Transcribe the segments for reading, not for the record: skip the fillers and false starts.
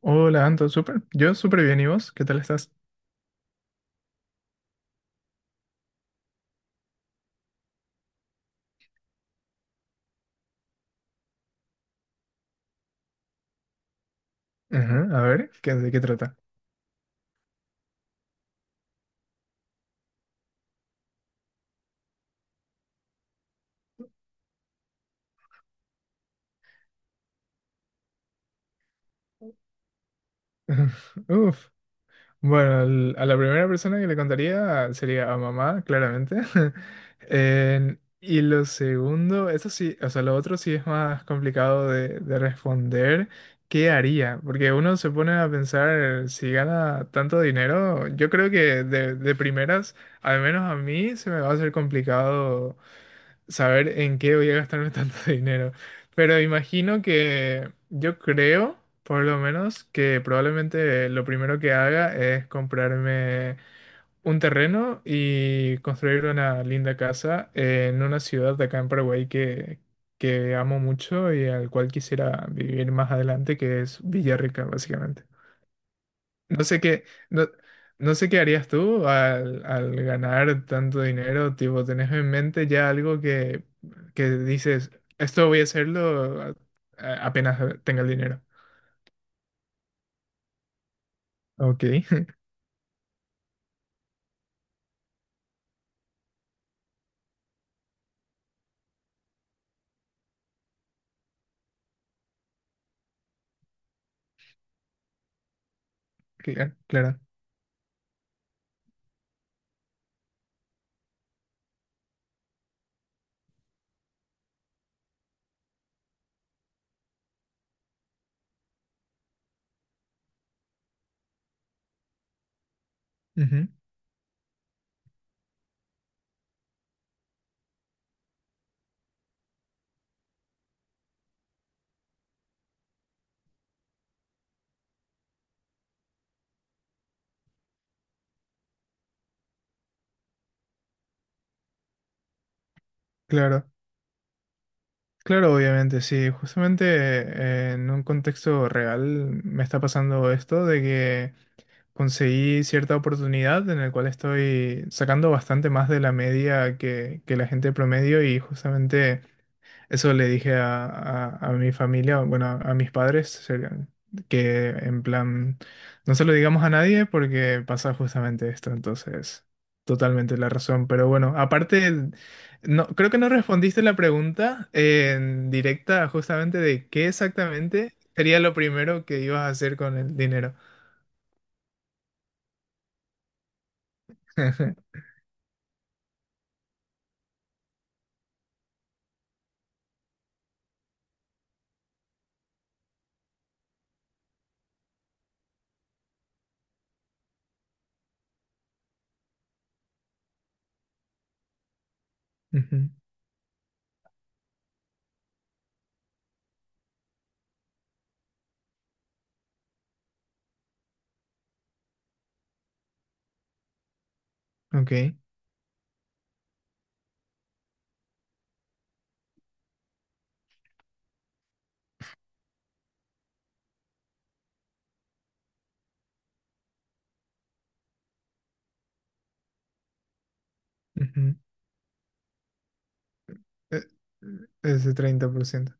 Hola, Anto, súper. Yo súper bien, ¿y vos? ¿Qué tal estás? Ajá, a ver, ¿de qué trata? Uf. Bueno, a la primera persona que le contaría sería a mamá, claramente. Y lo segundo, eso sí, o sea, lo otro sí es más complicado de responder. ¿Qué haría? Porque uno se pone a pensar, si gana tanto dinero, yo creo que de primeras, al menos a mí, se me va a hacer complicado saber en qué voy a gastarme tanto dinero. Pero imagino que yo creo, por lo menos, que probablemente lo primero que haga es comprarme un terreno y construir una linda casa en una ciudad de acá en Paraguay que amo mucho y al cual quisiera vivir más adelante, que es Villarrica, básicamente. No sé qué, no, no sé qué harías tú al ganar tanto dinero, tipo, ¿tenés en mente ya algo que dices, esto voy a hacerlo apenas tenga el dinero? Ok, claro, claro, ujú, claro, claro, obviamente, sí, justamente en un contexto real me está pasando esto de que conseguí cierta oportunidad en la cual estoy sacando bastante más de la media que la gente promedio y justamente... Eso le dije a mi familia, bueno, a mis padres, que en plan, no se lo digamos a nadie porque pasa justamente esto, entonces, totalmente la razón. Pero bueno, aparte, no, creo que no respondiste la pregunta en directa justamente de qué exactamente sería lo primero que ibas a hacer con el dinero. Ujú, ok. Ujú. Ese 30%.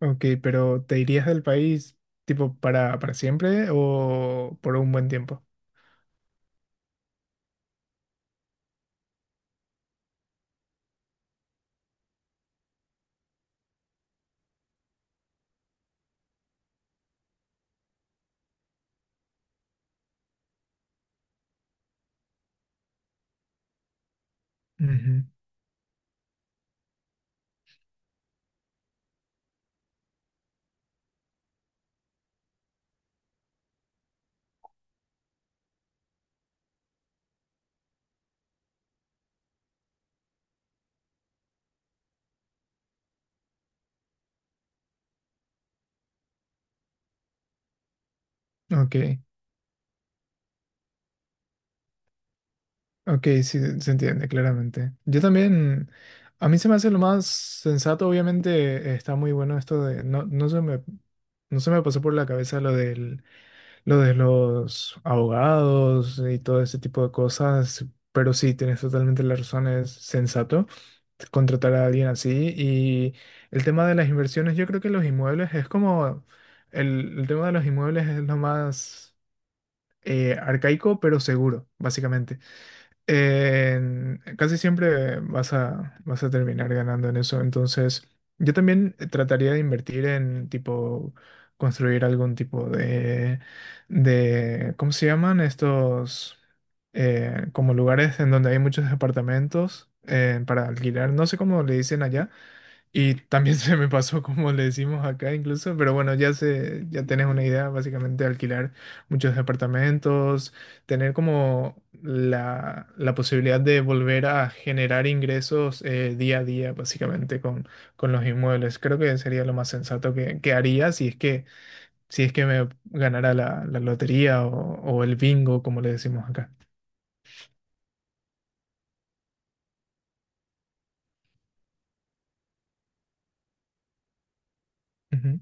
Ok, pero ¿te irías del país tipo para siempre o por un buen tiempo? Ujú. Ok, ok, sí, se entiende claramente. Yo también, a mí se me hace lo más sensato, obviamente está muy bueno esto de, no, no se me, no se me pasó por la cabeza lo del lo de los abogados y todo ese tipo de cosas, pero sí, tienes totalmente la razón, es sensato contratar a alguien así. Y el tema de las inversiones, yo creo que los inmuebles es como, el tema de los inmuebles es lo más arcaico, pero seguro, básicamente casi siempre vas a, vas a terminar ganando en eso. Entonces, yo también trataría de invertir en tipo construir algún tipo de ¿cómo se llaman? Estos como lugares en donde hay muchos apartamentos para alquilar. No sé cómo le dicen allá y también se me pasó como le decimos acá incluso, pero bueno, ya se, ya tenés una idea, básicamente alquilar muchos departamentos, tener como la posibilidad de volver a generar ingresos día a día, básicamente, con los inmuebles. Creo que sería lo más sensato que haría si es que, si es que me ganara la, la lotería o el bingo, como le decimos acá. Ujú,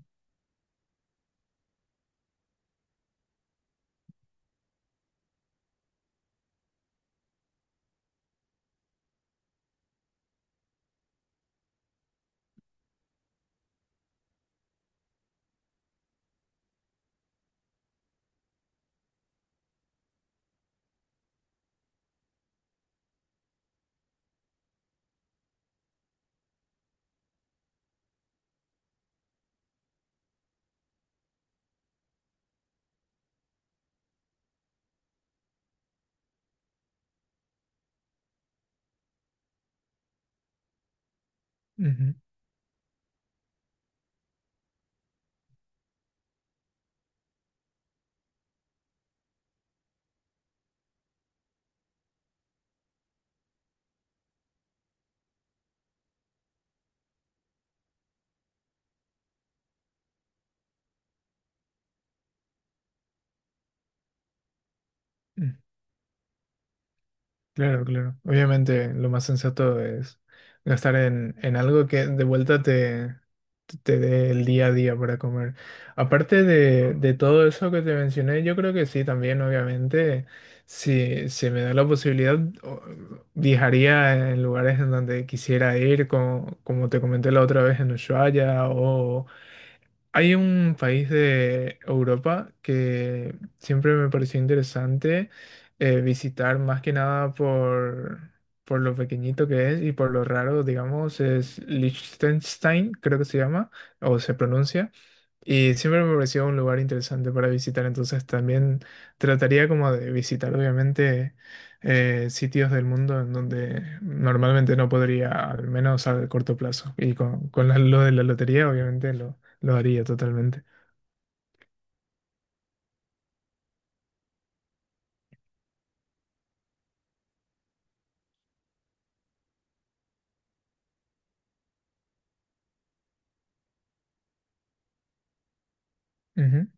ujú, ujú. Claro, claro. Obviamente lo más sensato es gastar en algo que de vuelta te, te dé el día a día para comer. Aparte de todo eso que te mencioné, yo creo que sí, también obviamente, si se me da la posibilidad, viajaría en lugares en donde quisiera ir, como, como te comenté la otra vez en Ushuaia hay un país de Europa que siempre me pareció interesante visitar, más que nada por, por lo pequeñito que es y por lo raro, digamos, es Liechtenstein, creo que se llama, o se pronuncia. Y siempre me pareció un lugar interesante para visitar, entonces también trataría como de visitar, obviamente, sitios del mundo en donde normalmente no podría, al menos a corto plazo. Y con lo de la lotería, obviamente, lo haría totalmente. Ujú,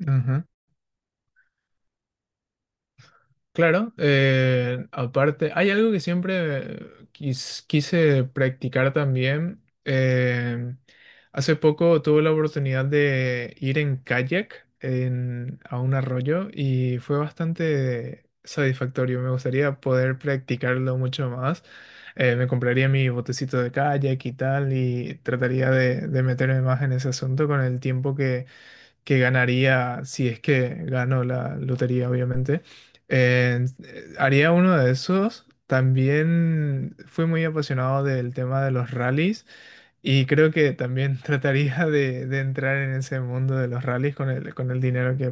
ujú, ajá. Claro, aparte, hay algo que siempre quise practicar también. Hace poco tuve la oportunidad de ir en kayak a un arroyo y fue bastante satisfactorio. Me gustaría poder practicarlo mucho más. Me compraría mi botecito de kayak y tal y trataría de meterme más en ese asunto con el tiempo que ganaría si es que gano la lotería, obviamente. Eh, Haría uno de esos. También fui muy apasionado del tema de los rallies y creo que también trataría de entrar en ese mundo de los rallies con el dinero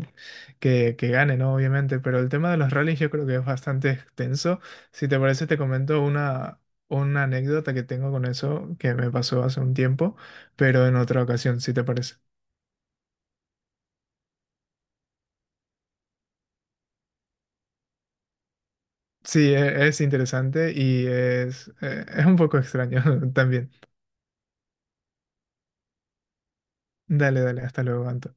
que gane, ¿no? Obviamente, pero el tema de los rallies yo creo que es bastante extenso. Si te parece, te comento una anécdota que tengo con eso que me pasó hace un tiempo, pero en otra ocasión, si te parece. Sí, es interesante y es un poco extraño también. Dale, dale, hasta luego, Anto.